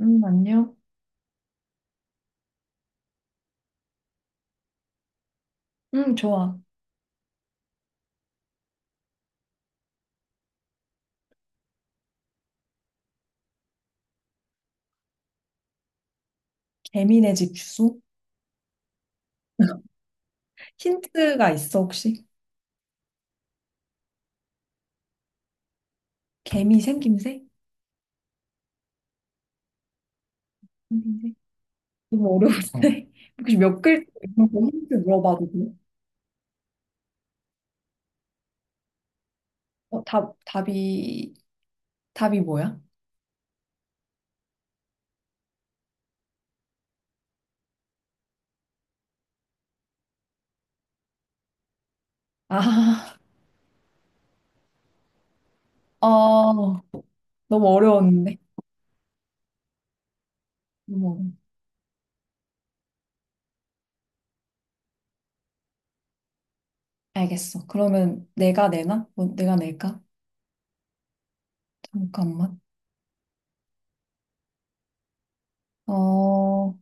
안녕. 좋아. 개미네 집 주소? 힌트가 있어, 혹시? 개미 생김새? 생김새? 너무 어려운데? 혹시 몇 글자 이런 거 힌트 물어봐도 돼? 답, 답이 뭐야? 아, 어, 너무 어려웠는데. 너무 어려워. 알겠어. 그러면 내가 내나? 뭐, 내가 낼까? 잠깐만. 어,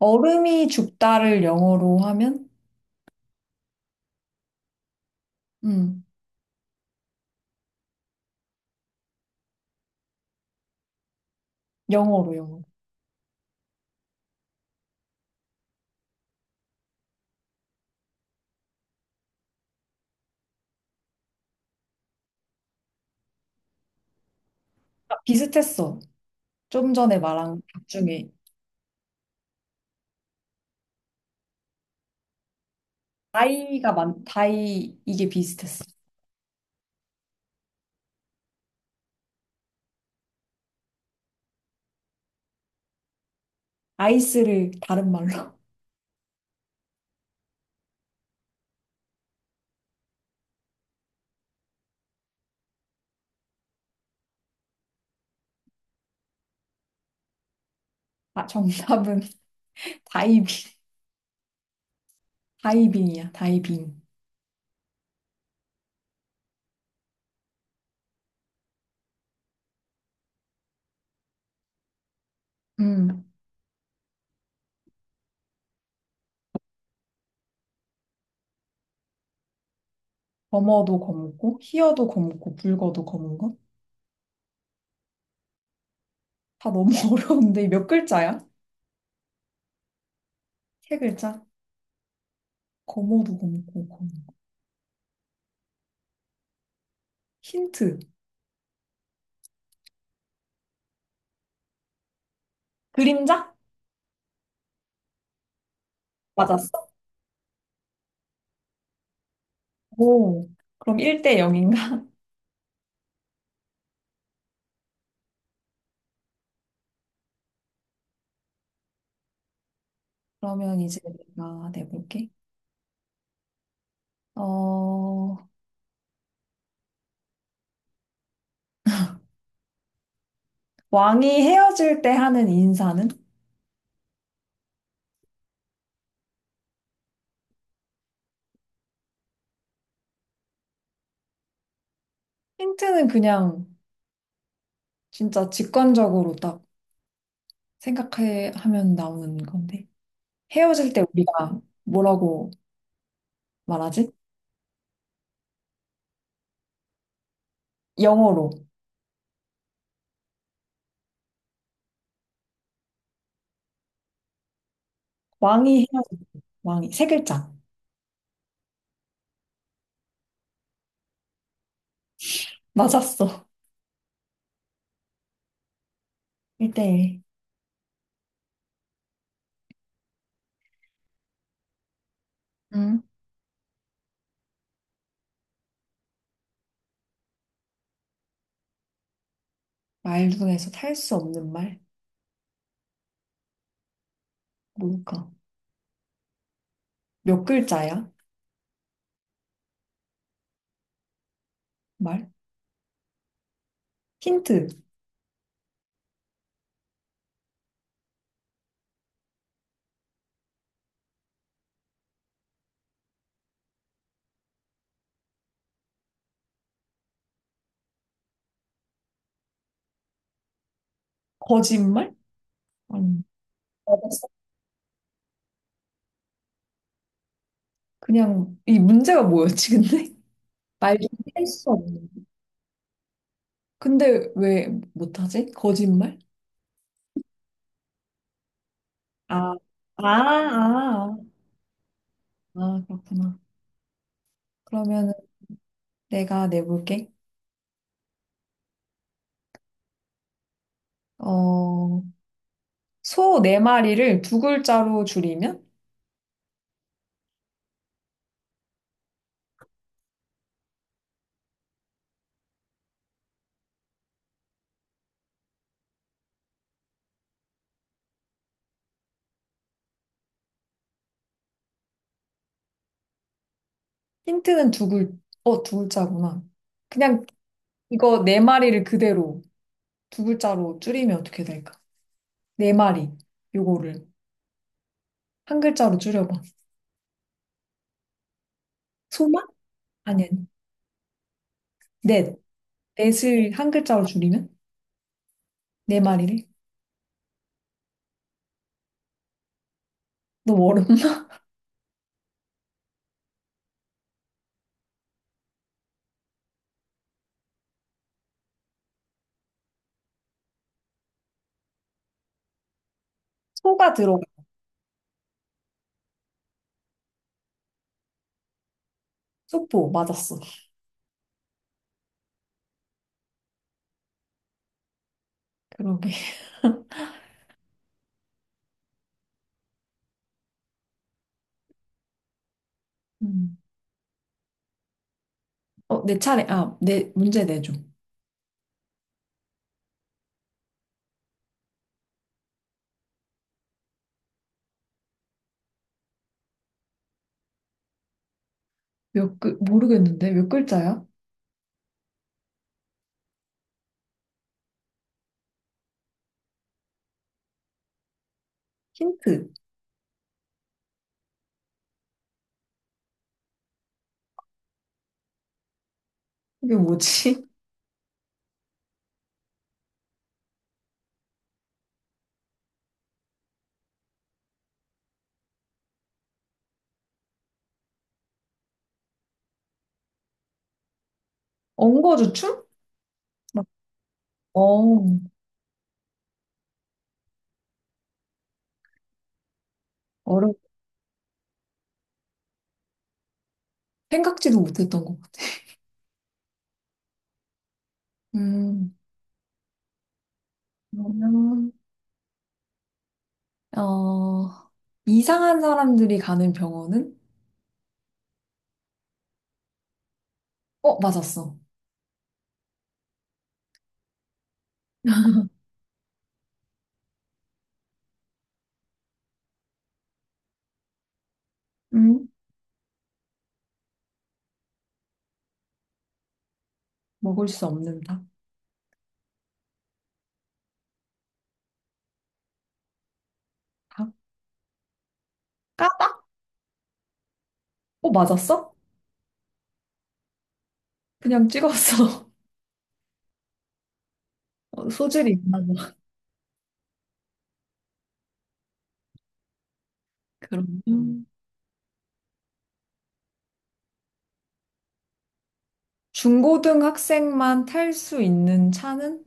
얼음이 죽다를 영어로 하면? 음, 영어로, 영어로. 아, 비슷했어. 좀 전에 말한 답 중에 다이 이게 비슷했어. 아이스를 다른 말로. 아, 정답은 다이빙. 다이빙이야, 다이빙. 음. 검어도 검고, 희어도 검고, 붉어도 검은 것? 다 너무 어려운데 몇 글자야? 세 글자? 검어도 검고, 검은 것. 힌트. 그림자? 맞았어? 오. 그럼 1대 0인가? 그러면 이제 내가 내볼게. 어, 왕이 헤어질 때 하는 인사는? 힌트는 그냥 진짜 직관적으로 딱 생각해 하면 나오는 건데 헤어질 때 우리가 뭐라고 말하지? 영어로 왕이 헤어질 때 왕이 세 글자 맞았어. 1대1 응? 말 중에서 탈 수 없는 말 뭘까? 몇 글자야? 말? 힌트. 거짓말? 아니. 맞았어? 그냥 이 문제가 뭐였지 근데? 말 중에 탈수 없는 근데 왜 못하지? 거짓말? 아, 아, 아, 아, 아, 그렇구나. 그러면 내가 내볼게. 어, 소 네 마리를 두 글자로 줄이면? 힌트는 두 글, 어, 두 글자구나. 그냥 이거 네 마리를 그대로 두 글자로 줄이면 어떻게 될까? 네 마리, 요거를 한 글자로 줄여봐. 소만? 아니, 아니. 넷. 넷을 한 글자로 줄이면? 네 마리를? 너무 어렵나? 소가 들어가. 소포, 맞았어. 그러게. 음. 어, 내 차례. 문제 내줘. 모르겠는데? 몇 글자야? 힌트. 이게 뭐지? 엉거주춤? 막, 어, 어려 생각지도 못했던 것 같아. 음, 그러면, 어, 이상한 사람들이 가는 병원은? 어, 맞았어. 음, 먹을 수 없는 닭. 닭? 까닭? 어, 맞았어? 그냥 찍었어. 어, 소질이 있나 봐. 그러면, 중고등 학생만 탈 수 있는 차는?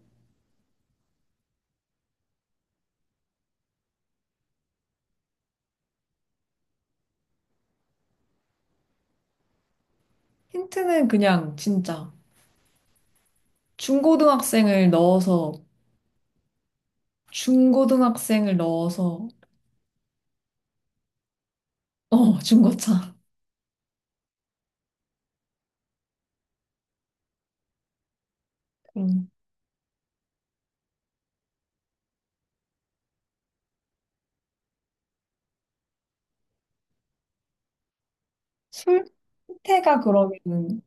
힌트는 그냥, 진짜. 중고등학생을 넣어서, 중고등학생을 넣어서, 어, 중고차. 음. 술태가 그러면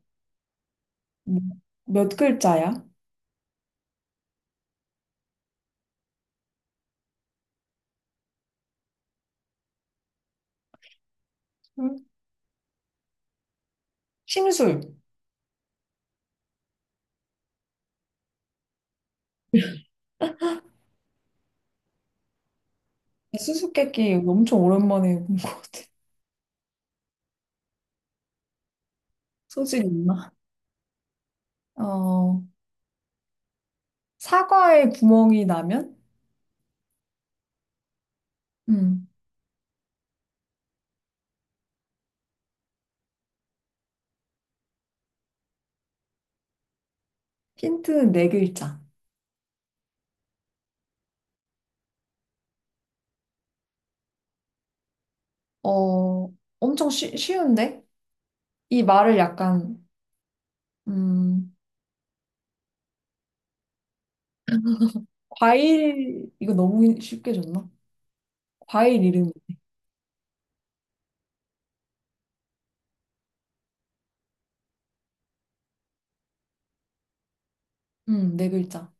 몇 글자야? 술? 심술. 수수께끼 엄청 오랜만에 본 것 같아. 소질 있나? 어, 사과에 구멍이 나면? 음. 힌트는 네 글자. 어, 쉬운데? 이 말을 약간, 음, 이거 너무 쉽게 줬나? 과일 이름. 네 글자.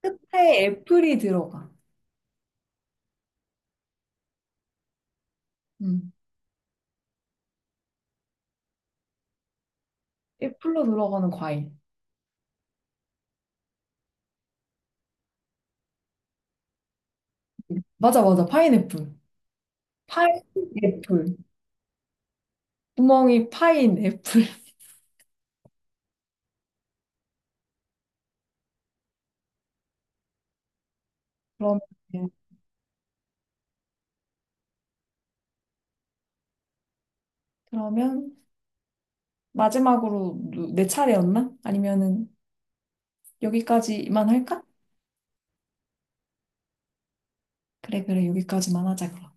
끝에 애플이 들어가. 음, 애플로 들어가는 과일. 맞아, 맞아. 파인애플. 파인애플. 구멍이 파인애플. 그러면, 네. 그러면 마지막으로 내 차례였나? 아니면은 여기까지만 할까? 그래, 그래, 여기까지만 하자, 그럼.